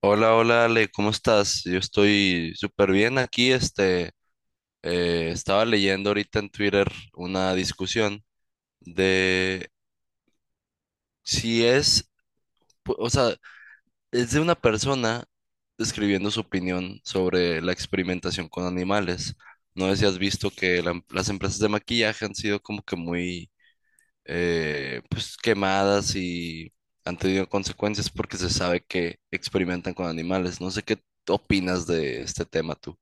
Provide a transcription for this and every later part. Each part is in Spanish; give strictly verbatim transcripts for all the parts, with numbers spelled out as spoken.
Hola, hola Ale, ¿cómo estás? Yo estoy súper bien aquí. Este, eh, estaba leyendo ahorita en Twitter una discusión de si es, pu- o sea, es de una persona escribiendo su opinión sobre la experimentación con animales. No sé si has visto que la em- las empresas de maquillaje han sido como que muy, eh, pues, quemadas y han tenido consecuencias porque se sabe que experimentan con animales. No sé qué opinas de este tema tú.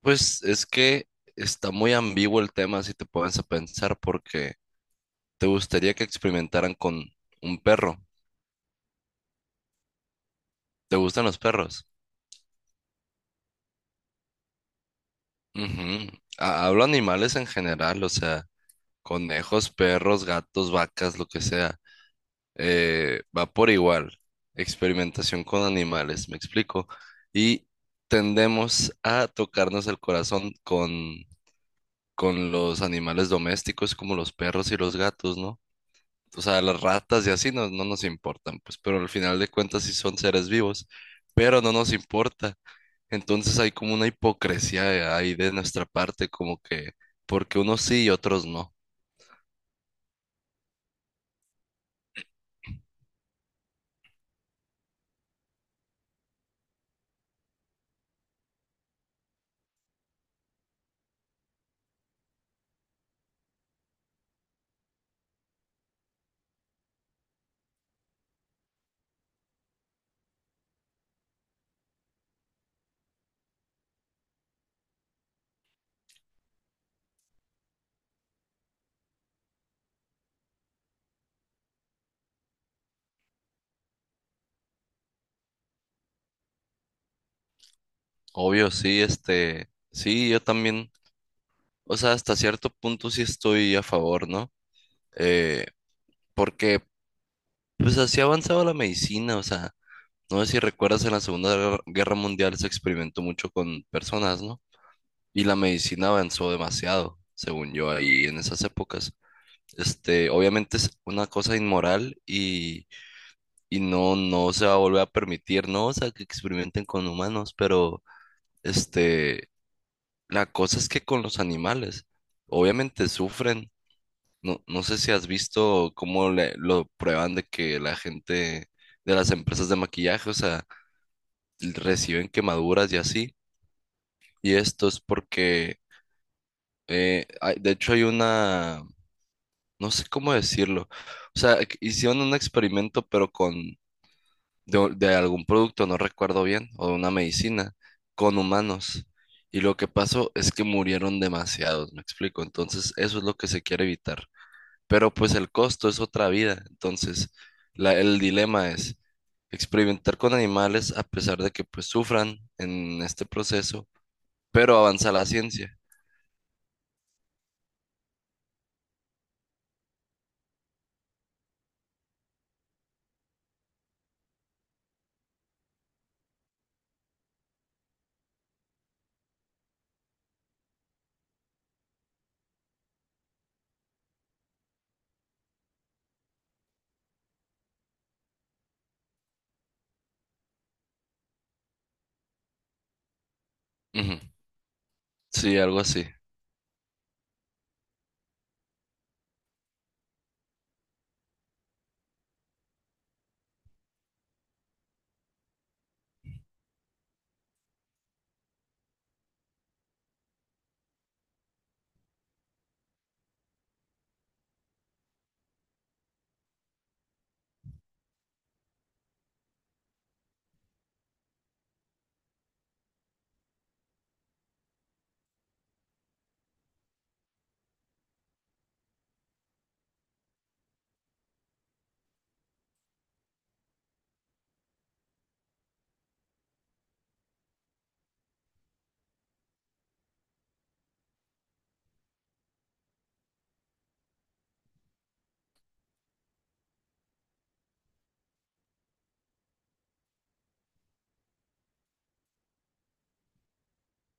Pues es que está muy ambiguo el tema si te pones a pensar porque te gustaría que experimentaran con un perro. ¿Te gustan los perros? Ujú. Ha- Hablo animales en general, o sea, conejos, perros, gatos, vacas, lo que sea. Eh, va por igual. Experimentación con animales, me explico. Y tendemos a tocarnos el corazón con, con los animales domésticos como los perros y los gatos, ¿no? O sea, las ratas y así no, no nos importan, pues, pero al final de cuentas sí son seres vivos, pero no nos importa. Entonces hay como una hipocresía ahí de nuestra parte, como que, porque unos sí y otros no. Obvio, sí, este, sí, yo también, o sea, hasta cierto punto sí estoy a favor, ¿no? Eh, Porque, pues así ha avanzado la medicina, o sea, no sé si recuerdas en la Segunda Guerra Mundial se experimentó mucho con personas, ¿no? Y la medicina avanzó demasiado, según yo, ahí en esas épocas. Este, obviamente es una cosa inmoral y, y no, no se va a volver a permitir, ¿no? O sea, que experimenten con humanos, pero este, la cosa es que con los animales, obviamente sufren. No, no sé si has visto cómo le- lo prueban de que la gente de las empresas de maquillaje, o sea, reciben quemaduras y así. Y esto es porque, eh, hay- de hecho, hay una no sé cómo decirlo. O sea, que hicieron un experimento, pero con, de, de algún producto, no recuerdo bien, o de una medicina, con humanos. Y lo que pasó es que murieron demasiados, me explico. Entonces, eso es lo que se quiere evitar. Pero pues el costo es otra vida. Entonces, la- el dilema es experimentar con animales a pesar de que pues sufran en este proceso, pero avanza la ciencia. Ujú, sí, algo así.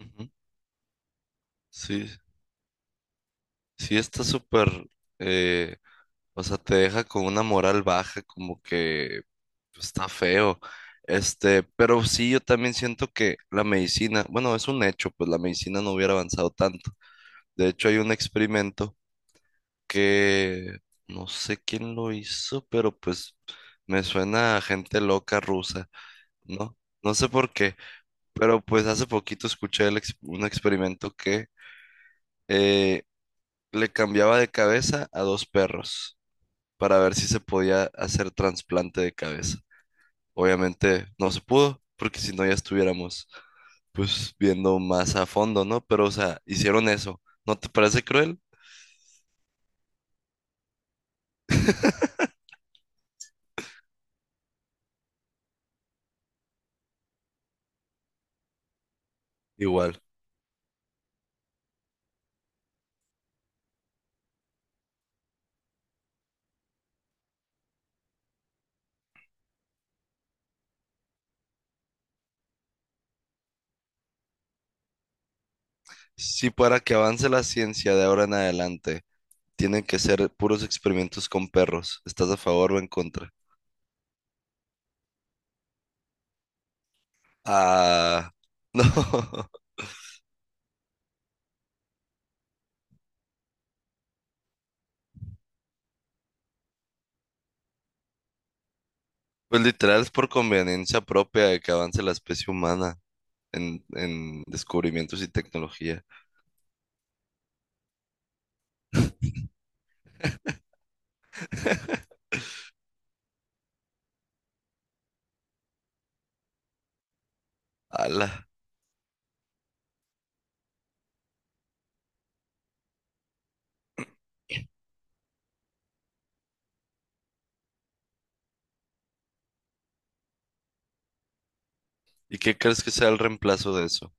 Ujú, sí, sí está súper... eh, O sea, te deja con una moral baja, como que pues, está feo. Este, pero sí, yo también siento que la medicina, bueno, es un hecho, pues la medicina no hubiera avanzado tanto. De hecho, hay un experimento que no sé quién lo hizo, pero pues me suena a gente loca rusa, ¿no? No sé por qué, pero pues hace poquito escuché el ex- un experimento que eh, le cambiaba de cabeza a dos perros. Para ver si se podía hacer trasplante de cabeza. Obviamente no se pudo, porque si no ya estuviéramos pues viendo más a fondo, ¿no? Pero, o sea, hicieron eso. ¿No te parece cruel? Igual. Si para que avance la ciencia de ahora en adelante, tienen que ser puros experimentos con perros, ¿estás a favor o en contra? Ah, no. Pues literal es por conveniencia propia de que avance la especie humana en, en descubrimientos y tecnología. Ala. ¿Y qué crees que sea el reemplazo de eso?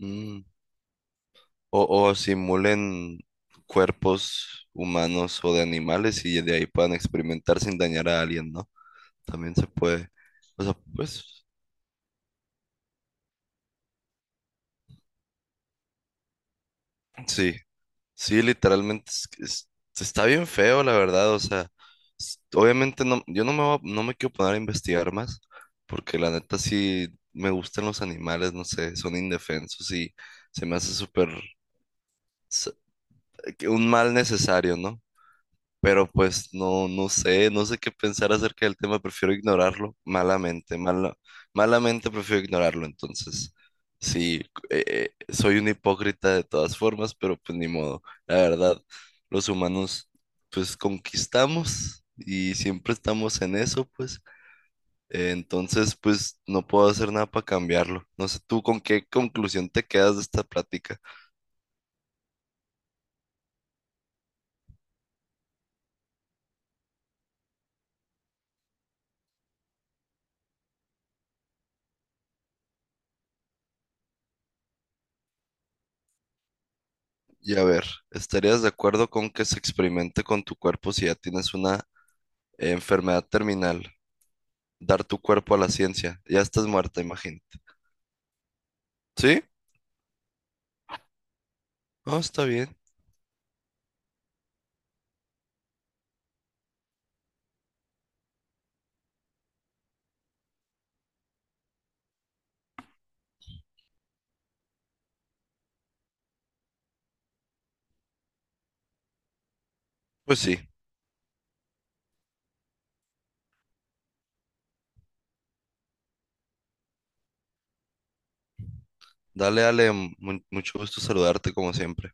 Mm, O, o simulen cuerpos humanos o de animales y de ahí puedan experimentar sin dañar a alguien, ¿no? También se puede. O sea, pues sí, sí, literalmente es- es- está bien feo, la verdad. O sea, s- obviamente no, yo no me, voy a- no me quiero poner a investigar más, porque la neta sí me gustan los animales, no sé, son indefensos y se me hace súper s- que un mal necesario, ¿no? Pero pues no, no sé, no sé qué pensar acerca del tema, prefiero ignorarlo malamente, mala- malamente prefiero ignorarlo, entonces sí, eh, eh, soy un hipócrita de todas formas, pero pues ni modo, la verdad, los humanos pues conquistamos y siempre estamos en eso, pues eh, entonces pues no puedo hacer nada para cambiarlo, no sé tú con qué conclusión te quedas de esta plática. Y a ver, ¿estarías de acuerdo con que se experimente con tu cuerpo si ya tienes una enfermedad terminal? Dar tu cuerpo a la ciencia. Ya estás muerta, imagínate. ¿Sí? Ah, está bien. Pues sí. Dale, Ale, mu- mucho gusto saludarte como siempre.